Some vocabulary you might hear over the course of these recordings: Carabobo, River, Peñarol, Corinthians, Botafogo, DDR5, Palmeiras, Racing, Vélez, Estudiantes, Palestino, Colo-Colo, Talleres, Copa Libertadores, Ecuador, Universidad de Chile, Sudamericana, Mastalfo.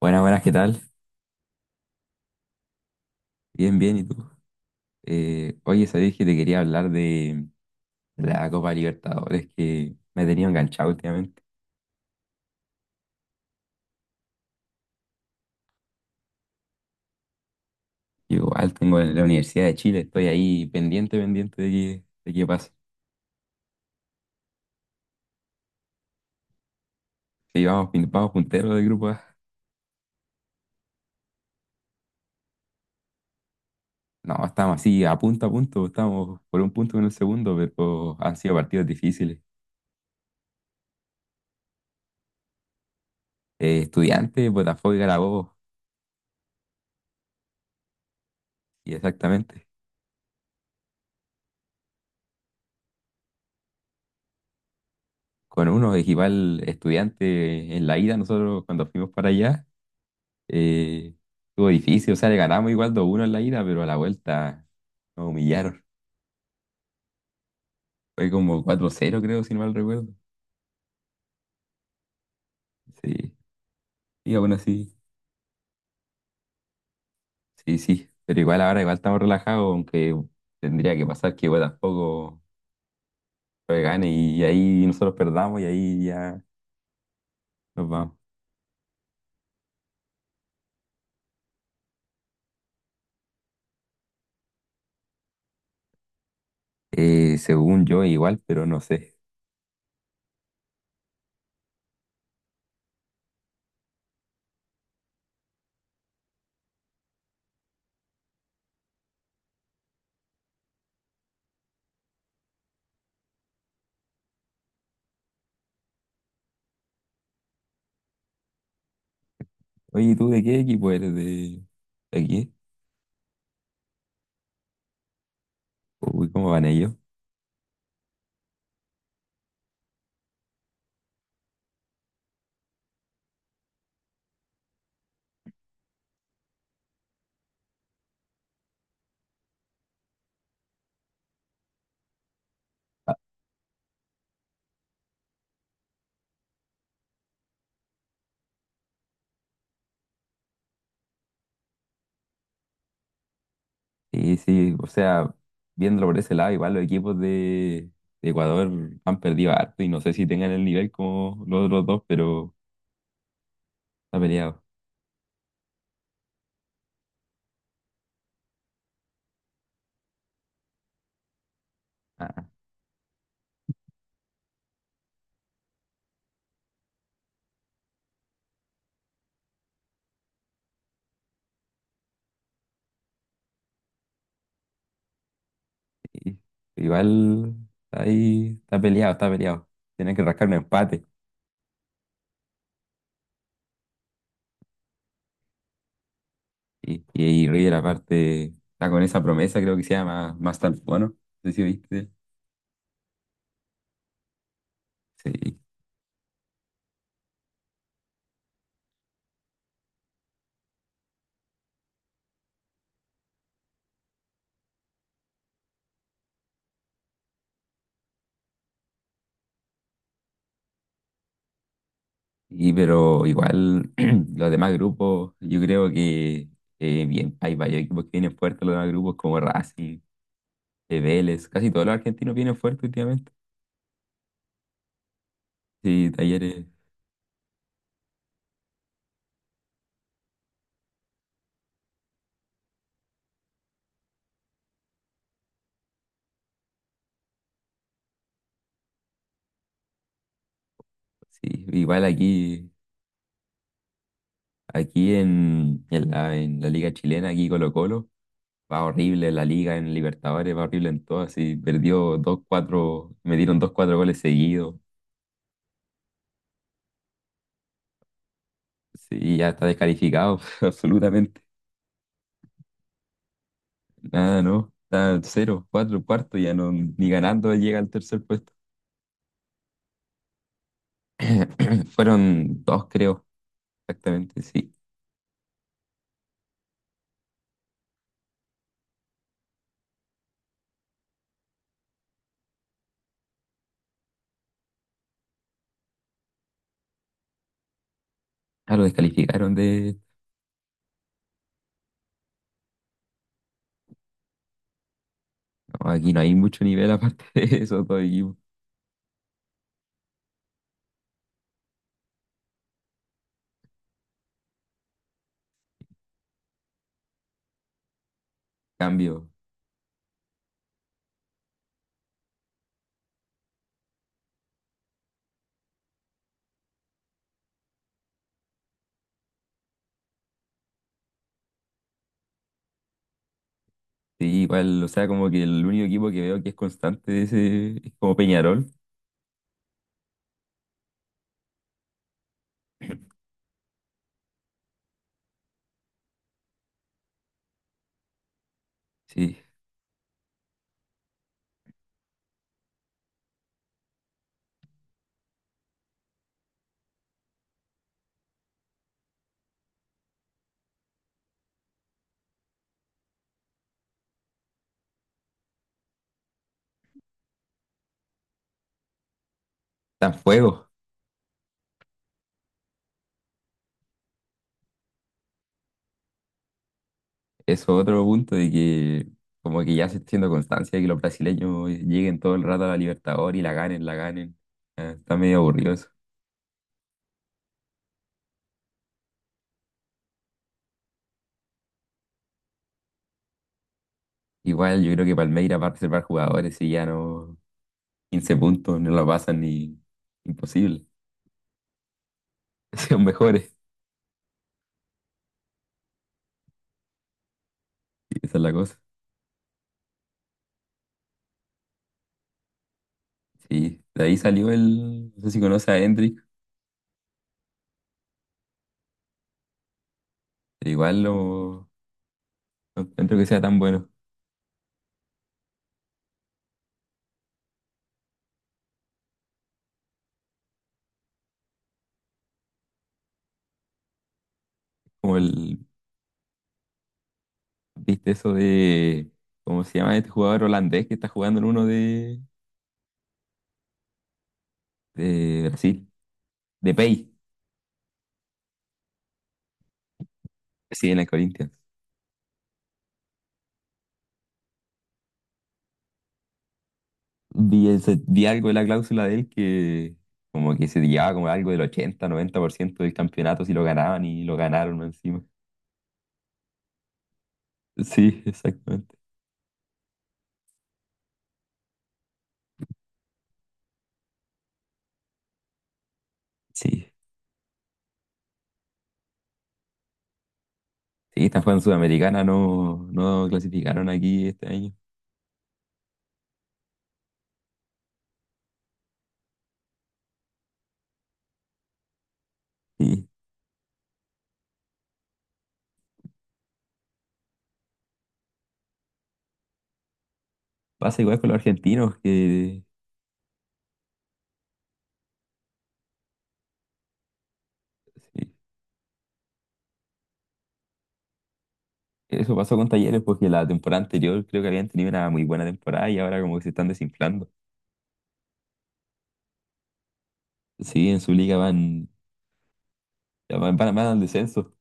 Buenas, buenas, ¿qué tal? Bien, bien, ¿y tú? Oye, sabés que te quería hablar de la Copa Libertadores que me he tenido enganchado últimamente. Yo igual tengo en la Universidad de Chile, estoy ahí pendiente, pendiente de qué pasa. Sí, vamos, vamos punteros del grupo A. No, estamos así a punto, estamos por un punto en el segundo, pero han sido partidos difíciles. Estudiantes, Botafogo y Carabobo. Y exactamente. Con uno, igual estudiante en la ida, nosotros cuando fuimos para allá. Eh, Estuvo difícil, o sea, le ganamos igual 2-1 en la ida, pero a la vuelta nos humillaron. Fue como 4-0 creo, si no mal recuerdo. Sí, y aún así, sí, sí. Pero igual ahora igual estamos relajados, aunque tendría que pasar que igual tampoco fue gane y ahí nosotros perdamos y ahí ya nos vamos. Según yo, igual, pero no sé. Oye, ¿tú de qué equipo eres? ¿De aquí? Uy, ¿cómo van ellos? Sí, sí, o sea, viéndolo por ese lado, igual los equipos de Ecuador han perdido harto y no sé si tengan el nivel como los otros dos, pero está peleado. Ah, sí. Igual está peleado, está peleado. Tienen que rascar un empate. Y River aparte está con esa promesa, creo que se llama Mastalfo, ¿no? No sé si viste. Sí. Y pero igual los demás grupos, yo creo que bien, hay varios equipos que vienen fuertes los demás grupos como Racing. De Vélez, casi todos los argentinos vienen fuerte últimamente. Sí, Talleres, sí, igual aquí en la liga chilena, aquí Colo-Colo, va horrible la liga en Libertadores, va horrible en todo, así perdió dos cuatro me dieron 2-4 goles seguidos, sí, ya está descalificado, absolutamente, nada, no, está cero cuatro cuarto, ya no, ni ganando llega al tercer puesto. Fueron dos, creo, exactamente, sí. Ah, lo descalificaron de. No, aquí no hay mucho nivel aparte de esos dos equipos. Cambio. Sí, igual, o sea, como que el único equipo que veo que es constante de ese es como Peñarol. Sí, está en fuego. Eso es otro punto de que como que ya se está haciendo constancia de que los brasileños lleguen todo el rato a la Libertadores y la ganen, la ganen. Ah, está medio aburrido eso. Igual yo creo que Palmeiras va a reservar jugadores y ya no 15 puntos, no lo pasan ni imposible. Son mejores. Sí, esa es la cosa. Sí, de ahí salió no sé si conoce a Hendrik, pero igual no encuentro que sea tan bueno como viste eso ¿cómo se llama este jugador holandés que está jugando en uno de Brasil? De Pay, sí, en el Corinthians. Vi algo de la cláusula de él que como que se llevaba como algo del 80-90% del campeonato si lo ganaban, y lo ganaron encima. Sí, exactamente. Sí, sí, esta fue en Sudamericana, no, no clasificaron aquí este año. Sí, pasa igual con los argentinos que... Sí. Eso pasó con Talleres porque la temporada anterior creo que habían tenido una muy buena temporada y ahora como que se están desinflando. Sí, en su liga ya van, van al descenso.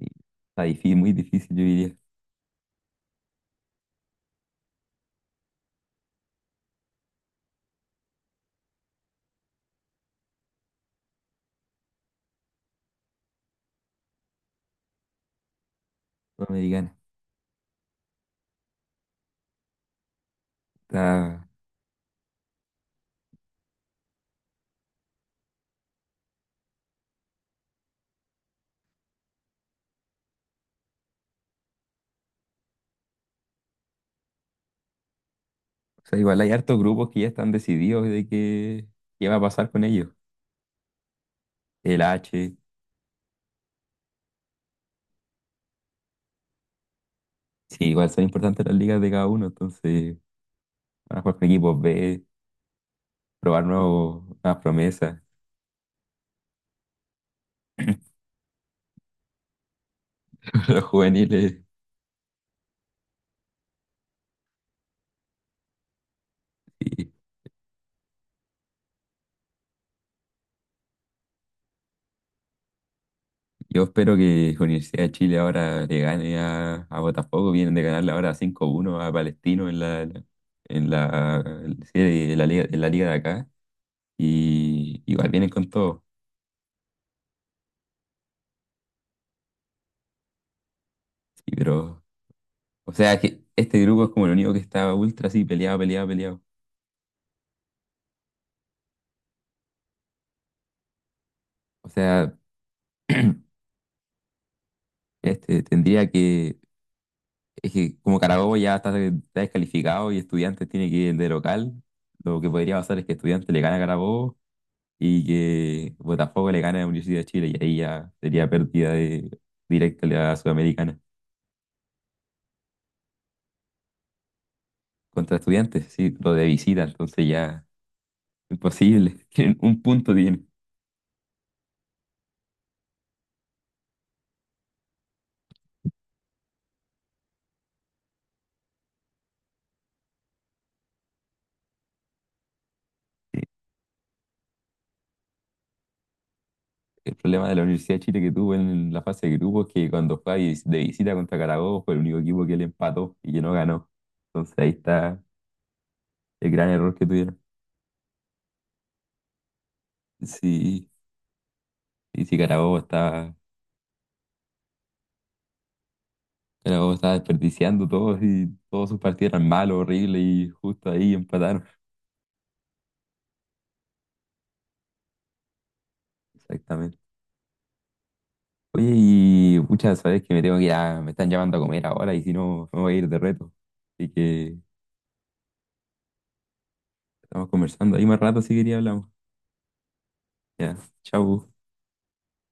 Y está difícil, muy difícil, yo diría. Sudamericana. Está, o sea, igual hay hartos grupos que ya están decididos de qué va a pasar con ellos. El H, sí, igual son importantes las ligas de cada uno, entonces van a jugar con equipos B, probar nuevas promesas, los juveniles. Yo espero que Universidad de Chile ahora le gane a Botafogo. Vienen de ganarle ahora 5-1 a Palestino en en la serie de la liga, en la liga de acá. Y igual vienen con todo. Sí, pero, o sea, que este grupo es como el único que está ultra así, peleado, peleado, peleado. O sea, este tendría que. Es que como Carabobo está descalificado y Estudiantes tiene que ir de local, lo que podría pasar es que Estudiantes le gana a Carabobo y que Botafogo le gana a la Universidad de Chile y ahí ya sería pérdida directa de la Sudamericana contra Estudiantes, sí, lo de visita, entonces ya imposible, tienen un punto tiene. El problema de la Universidad de Chile que tuvo en la fase de grupos es que cuando fue ahí de visita contra Carabobo fue el único equipo que le empató y que no ganó. Entonces ahí está el gran error que tuvieron. Sí, y si Carabobo estaba desperdiciando todos y todos sus partidos eran malos, horribles, y justo ahí empataron. Exactamente. Oye, y muchas sabes que me tengo que ir me están llamando a comer ahora y si no me voy a ir de reto. Así que estamos conversando. Ahí más rato si quería hablamos. Ya, chau.